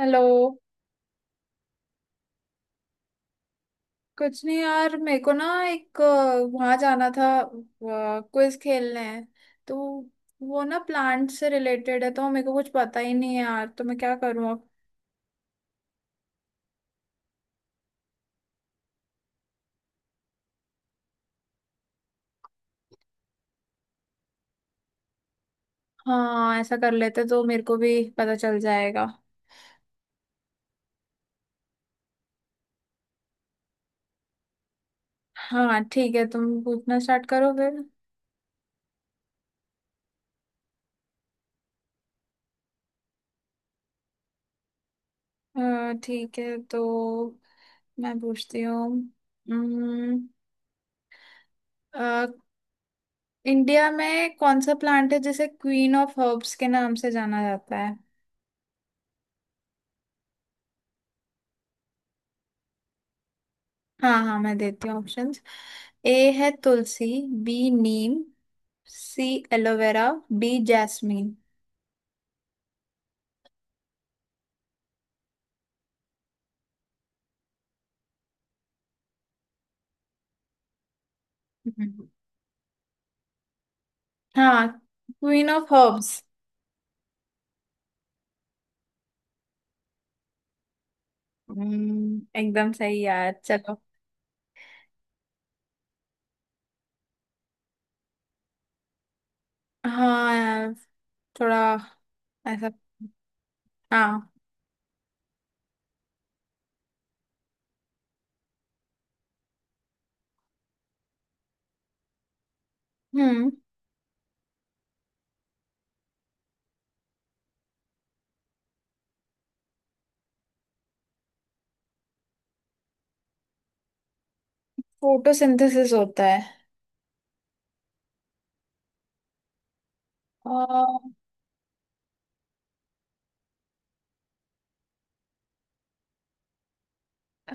Hello. कुछ नहीं यार, मेरे को ना एक वहां जाना था, क्विज खेलने है, तो वो ना प्लांट से रिलेटेड है तो मेरे को कुछ पता ही नहीं है यार, तो मैं क्या करूँ अब। हाँ, ऐसा कर लेते तो मेरे को भी पता चल जाएगा। हाँ ठीक है, तुम पूछना स्टार्ट करो फिर। ठीक है, तो मैं पूछती हूँ। उम्म, अ, इंडिया में कौन सा प्लांट है जिसे क्वीन ऑफ हर्ब्स के नाम से जाना जाता है? हाँ हाँ, मैं देती हूँ ऑप्शंस। ए है tulsi, B neem, C aloe vera, D jasmine. हम्म, हाँ, क्वीन ऑफ हर्ब्स। एकदम सही यार, चलो। हाँ यार, थोड़ा ऐसा। हाँ। हम्म। फोटोसिंथेसिस होता है? आ,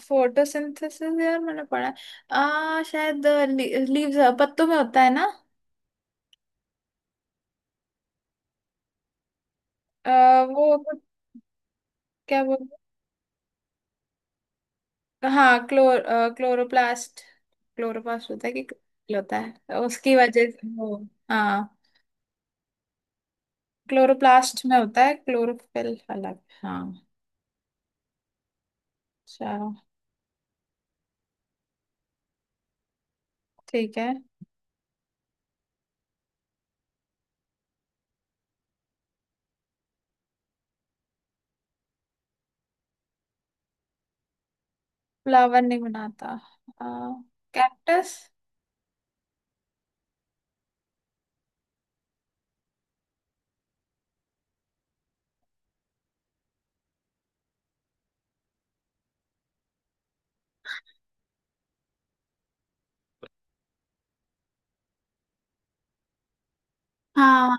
फोटोसिंथेसिस, यार मैंने पढ़ा है। शायद लीव्स, पत्तों में होता है ना। आ, वो कुछ- क्या बोल। हाँ, क्लोरोप्लास्ट। क्लोरोप्लास्ट होता है कि क्लोरोफिल होता है, उसकी वजह से वो। हाँ, क्लोरोप्लास्ट में होता है क्लोरोफिल अलग। हाँ, चलो। ठीक है। फ्लावर नहीं बनाता? कैक्टस। हाँ।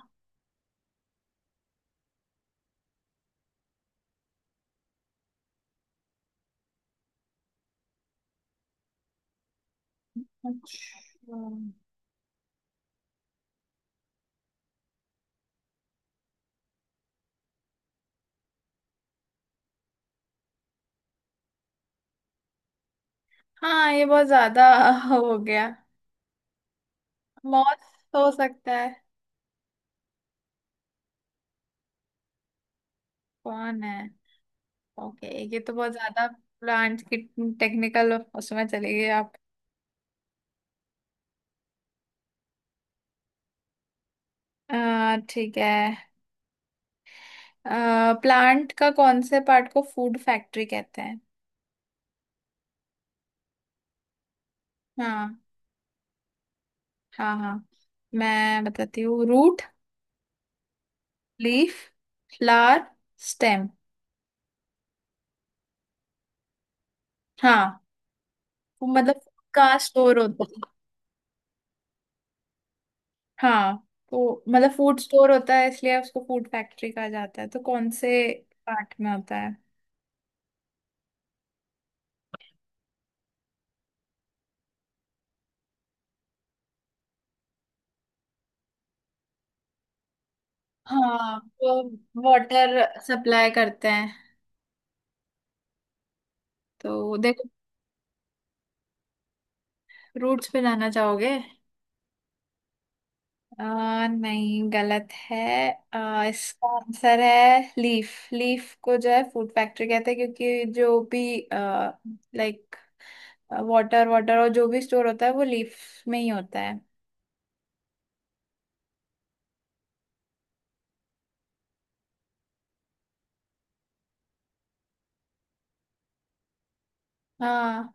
अच्छा। हाँ, ये बहुत ज्यादा हो गया। मॉस हो सकता है। कौन है? ओके, ये तो बहुत ज्यादा प्लांट की टेक्निकल उसमें चली गई आप। ठीक है। प्लांट का कौन से पार्ट को फूड फैक्ट्री कहते हैं? हाँ हाँ। हाँ, मैं बताती हूँ। Root, leaf, flower, stem. हाँ, वो मतलब का स्टोर होता है। हाँ, तो मतलब फूड स्टोर होता है इसलिए उसको फूड फैक्ट्री कहा जाता है। तो कौन से पार्ट में होता है? हाँ, वो वाटर सप्लाई करते हैं। तो देखो, रूट्स पे जाना चाहोगे? नहीं, गलत है। इसका आंसर है लीफ। लीफ को जो है फूड फैक्ट्री कहते हैं, क्योंकि जो भी लाइक वाटर वाटर और जो भी स्टोर होता है वो लीफ में ही होता है। हाँ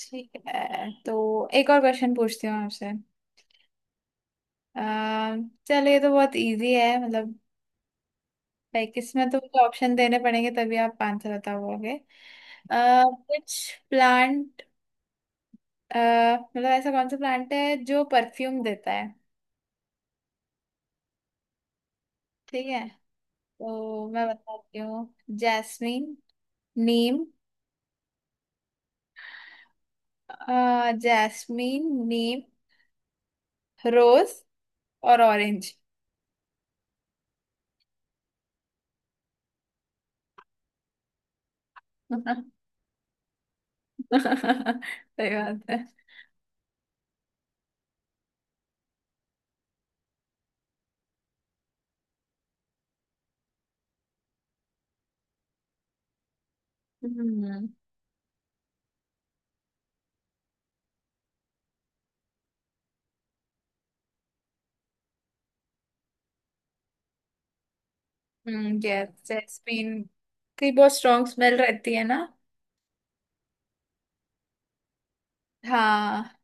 ठीक है, तो एक और क्वेश्चन पूछती हूँ आपसे। आ, चलो, ये तो बहुत इजी है मतलब, लाइक इसमें तो मुझे ऑप्शन देने पड़ेंगे तभी आप आंसर बता पाओगे। कुछ प्लांट, मतलब ऐसा कौन सा प्लांट है जो परफ्यूम देता है? ठीक है, तो मैं बताती हूँ। जैस्मीन, नीम। जैस्मीन, नीम, रोज और ऑरेंज। सही बात है। हम्म। हम्म, यस जैस्मीन की बहुत स्ट्रॉन्ग स्मेल रहती है ना। हाँ।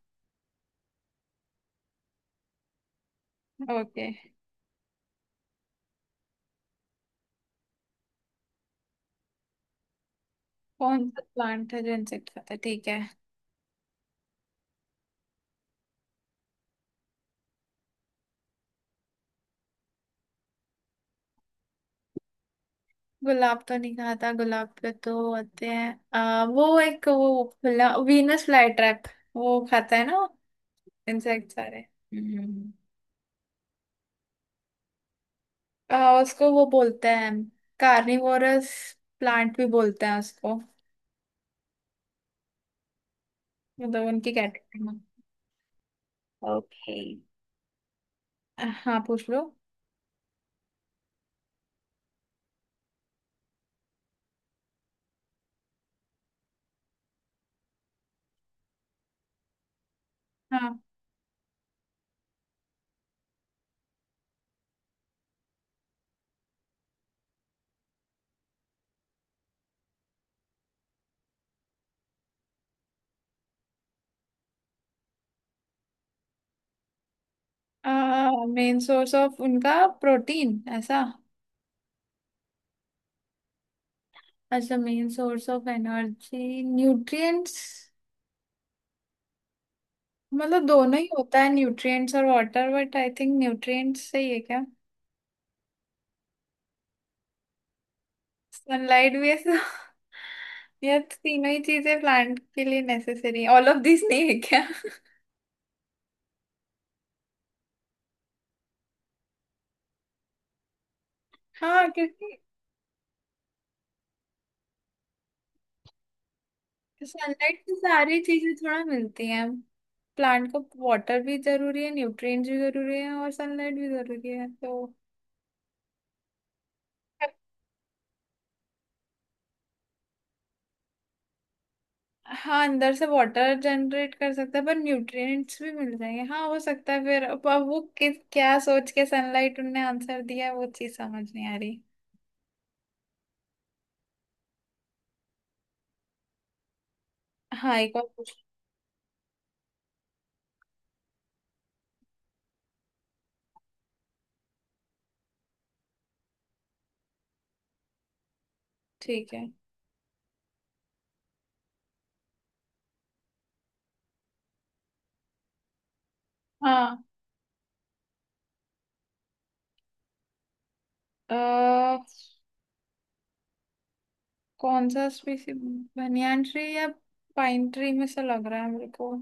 ओके। कौन सा प्लांट है जो इंसेक्ट खाता है? ठीक है। गुलाब तो नहीं खाता, गुलाब पे तो होते हैं वो एक, वो वीनस फ्लाई ट्रैप वो खाता है ना इंसेक्ट सारे। हम्म। उसको वो बोलते हैं कार्निवोरस प्लांट भी बोलते हैं उसको, मतलब उनकी कैटेगरी में। ओके। हाँ, पूछ लो। हाँ। मेन सोर्स ऑफ उनका प्रोटीन ऐसा? अच्छा, main source of energy. Nutrients, मतलब दोनों ही होता है न्यूट्रिएंट्स और water, but I think nutrients सही है क्या? सनलाइट भी है so- ये तीनों ही चीजें प्लांट के लिए नेसेसरी है, ऑल ऑफ दिस नहीं है क्या? हाँ क्योंकि सनलाइट से सारी चीजें थोड़ा मिलती हैं प्लांट को। वाटर भी जरूरी है, न्यूट्रिएंट्स भी जरूरी है और सनलाइट भी जरूरी है तो। हाँ, अंदर से वाटर जनरेट कर सकता है पर न्यूट्रिएंट्स भी मिल जाएंगे। हाँ हो सकता है। फिर अब वो किस क्या सोच के सनलाइट उनने आंसर दिया है, वो चीज समझ नहीं आ रही। हाँ, एक और पूछ। ठीक है। हाँ। अह, कौन सा स्पीसी, बनियान ट्री या पाइन ट्री में से लग रहा है मेरे को।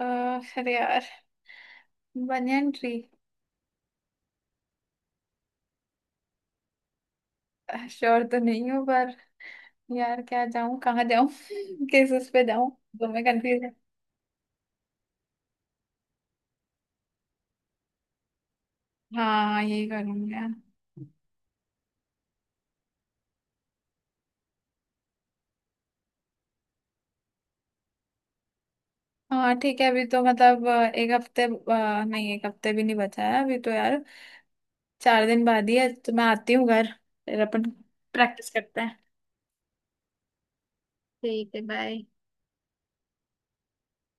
अरे यार, बनियान ट्री। श्योर तो नहीं हूँ पर यार, क्या जाऊं कहाँ जाऊं किस उस पे जाऊं तो मैं कंफ्यूज। हाँ। हाँ, यही करूंगी यार। हाँ ठीक है। अभी तो मतलब एक हफ्ते, नहीं, एक हफ्ते भी नहीं बचा है अभी तो यार, चार दिन बाद ही है। तो मैं आती हूँ घर, फिर अपन प्रैक्टिस करते हैं। ठीक है, बाय।